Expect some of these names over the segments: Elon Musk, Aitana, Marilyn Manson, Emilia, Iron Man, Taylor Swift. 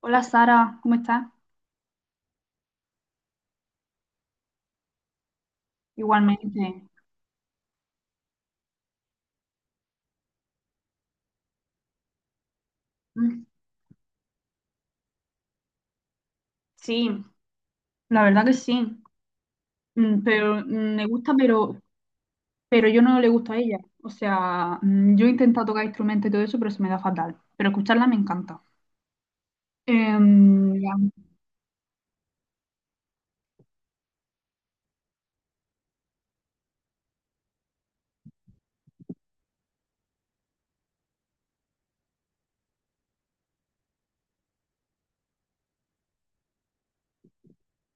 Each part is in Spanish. Hola Sara, ¿cómo estás? Igualmente. Mm, Sí, la verdad que sí. Me gusta, pero yo no le gusto a ella. O sea, yo he intentado tocar instrumentos y todo eso, pero se me da fatal. Pero escucharla me encanta. Em, la-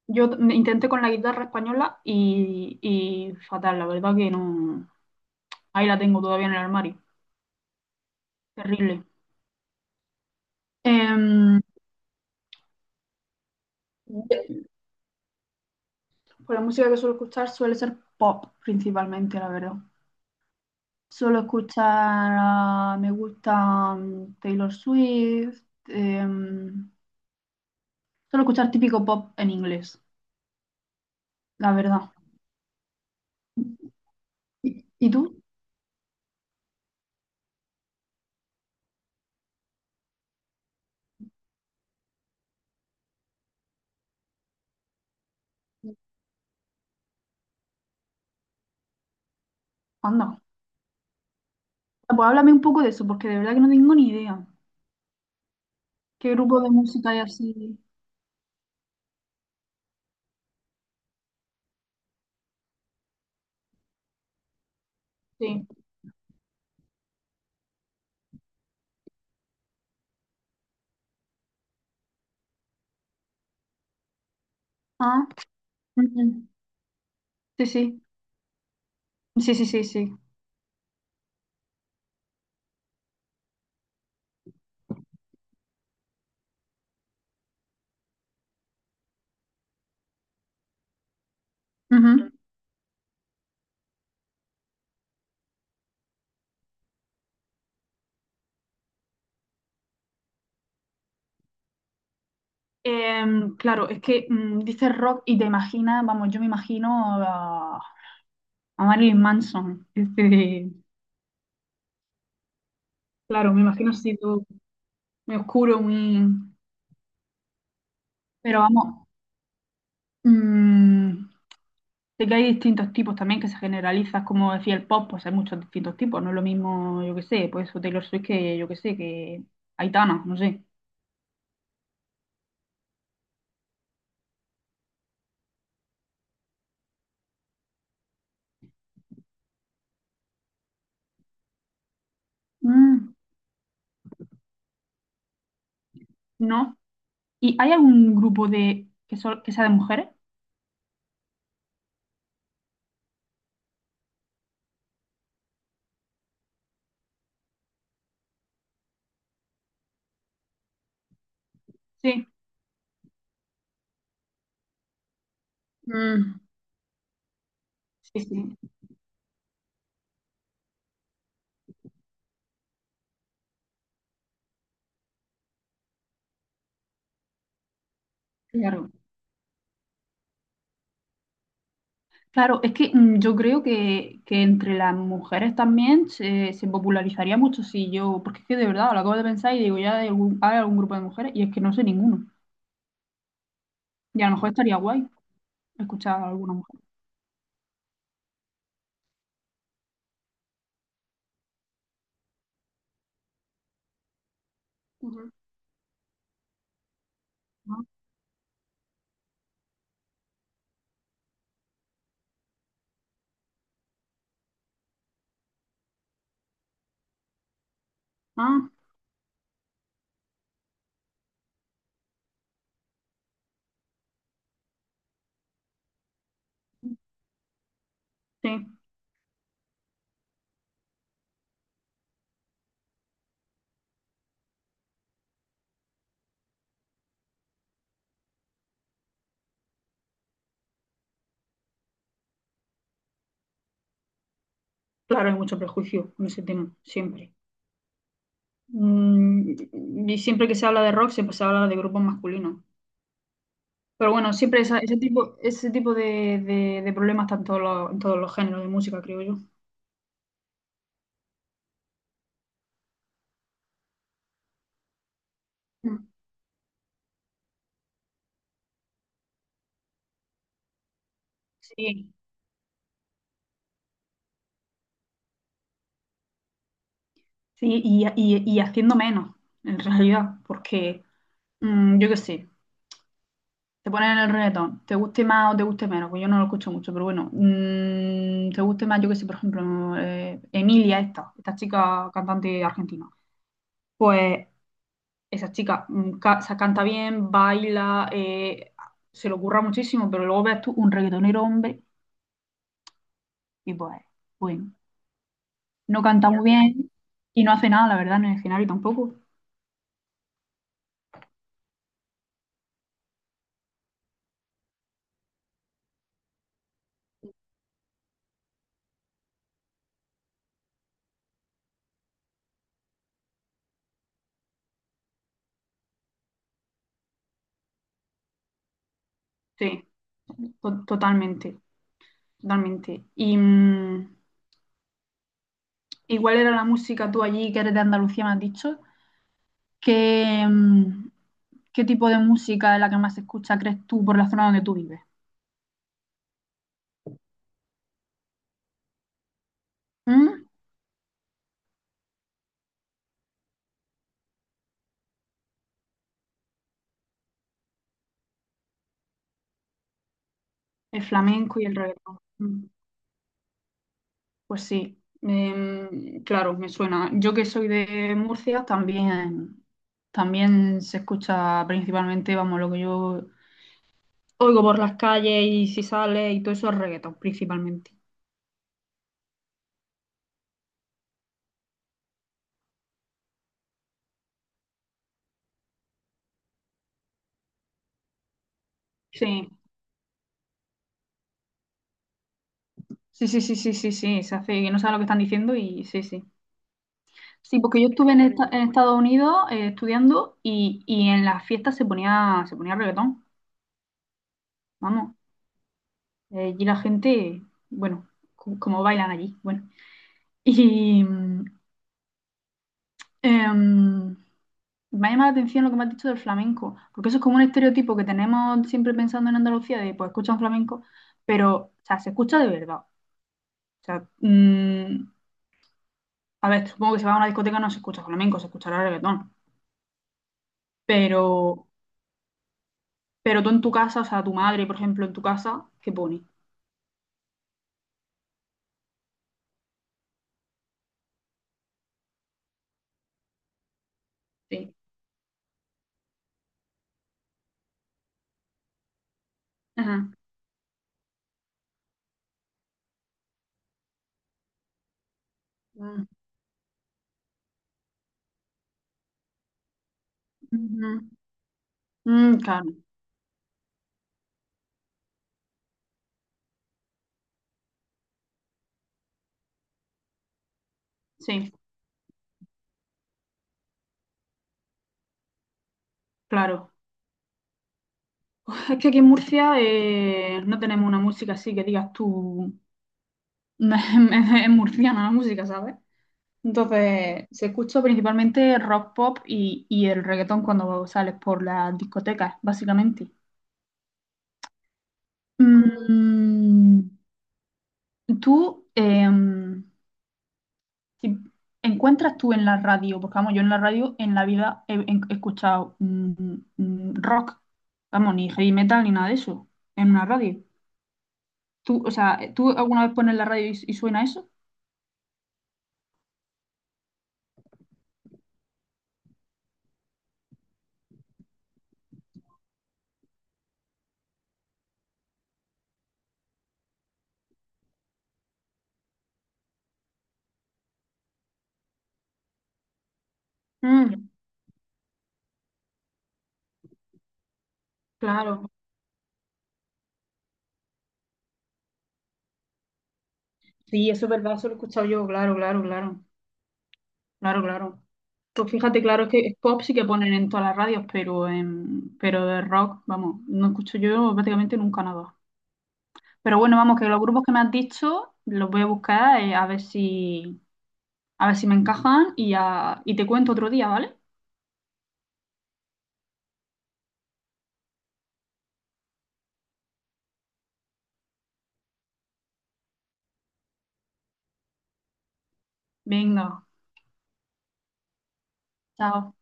Intenté con la guitarra española y fatal, la verdad que no. Ahí la tengo todavía en el armario. Terrible. Em, de- pues la música que suelo escuchar suele ser pop principalmente, la verdad. Suelo escuchar, ah, me gusta Taylor Swift, em, suelo escuchar típico pop en inglés, la verdad. Y tú? Anda. Ah, pues háblame un poco de eso, porque de verdad que no tengo ni idea. ¿Qué grupo de música hay así? Sí. Ah, ujú. Sí, sí. Sí, sí, sí, sí. Ujú. Claro, es que dices rock y te imaginas, vamos, yo me imagino a, a Marilyn Manson. Este, claro, me imagino así todo muy oscuro, muy... Pero vamos, mm, sé que hay distintos tipos también que se generalizan, como decía el pop, pues hay muchos distintos tipos, no es lo mismo, yo qué sé, pues eso Taylor Swift que, yo qué sé, que Aitana, no sé. Mm, no. ¿Y hay algún grupo de que, sol- que sea de mujeres? Sí. Mm, sí, sí, claro. Claro, es que yo creo que entre las mujeres también se popularizaría mucho si yo, porque es que de verdad lo acabo de pensar y digo, ya hay algún grupo de mujeres y es que no sé ninguno. Y a lo mejor estaría guay escuchar a alguna mujer. Ujú. Ah, ah, sí. Claro, hay mucho prejuicio con ese tema, siempre. Mm, y siempre que se habla de rock, siempre se habla de grupos masculinos. Pero bueno, siempre ese tipo de, de problemas está en todos los géneros de música, creo yo. Mm. Sí, sí, y, y haciendo menos, en realidad, porque yo qué sé, te ponen el reggaetón, te guste más o te guste menos, pues yo no lo escucho mucho, pero bueno, te guste más, yo qué sé, por ejemplo, Emilia, esta chica cantante argentina, pues esa chica se canta bien, baila, se le ocurra muchísimo, pero luego ves tú un reggaetonero hombre y pues, bueno, no canta muy bien y no hace nada, la verdad, en el escenario tampoco. Sí, totalmente. Totalmente. Y igual era la música tú allí, que eres de Andalucía, me has dicho. ¿Qué, qué tipo de música es la que más se escucha, crees tú, por la zona donde tú vives? ¿Mm? El flamenco y el reggaetón. Mm. Pues sí, claro, me suena. Yo que soy de Murcia, también, también se escucha principalmente, vamos, lo que yo oigo por las calles y si sale y todo eso es reggaetón, principalmente. Sí, sí, sí, sí, sí, sí, sí, se hace que no saben lo que están diciendo y sí, sí. Sí, porque yo estuve en, en Estados Unidos estudiando y en las fiestas se ponía reggaetón, vamos. Allí la gente, bueno, como bailan allí, bueno. Y em, me ha llamado la atención lo que me has dicho del flamenco, porque eso es como un estereotipo que tenemos siempre pensando en Andalucía de, pues, escuchan flamenco, pero, o sea, se escucha de verdad. O sea, a ver, supongo que si vas a una discoteca no se escucha flamenco, se escuchará reggaetón. Pero, pero tú en tu casa, o sea, tu madre, por ejemplo, en tu casa, ¿qué pone? Sí. Ajá. Mm, ujú. Mm, claro, sí, claro. Es que aquí en Murcia no tenemos una música así que digas tú, es murciana la música, ¿sabes? Entonces, se escucha principalmente rock pop y el reggaetón cuando sales por las discotecas, básicamente. Mm, Tú, si encuentras tú en la radio, porque vamos, yo en la radio en la vida he, he escuchado rock, vamos, ni heavy metal ni nada de eso, en una radio. ¿Tú, o sea, tú alguna vez pones la radio y suena eso? Mm, claro, sí, eso es verdad, eso lo he escuchado yo, claro, claro, claro, claro, claro. Pues fíjate, claro, es que es pop sí que ponen en todas las radios, pero, en, pero de rock, vamos, no escucho yo prácticamente nunca nada. Pero bueno, vamos, que los grupos que me has dicho los voy a buscar a ver si me encajan y, y te cuento otro día, ¿vale? Venga, chao.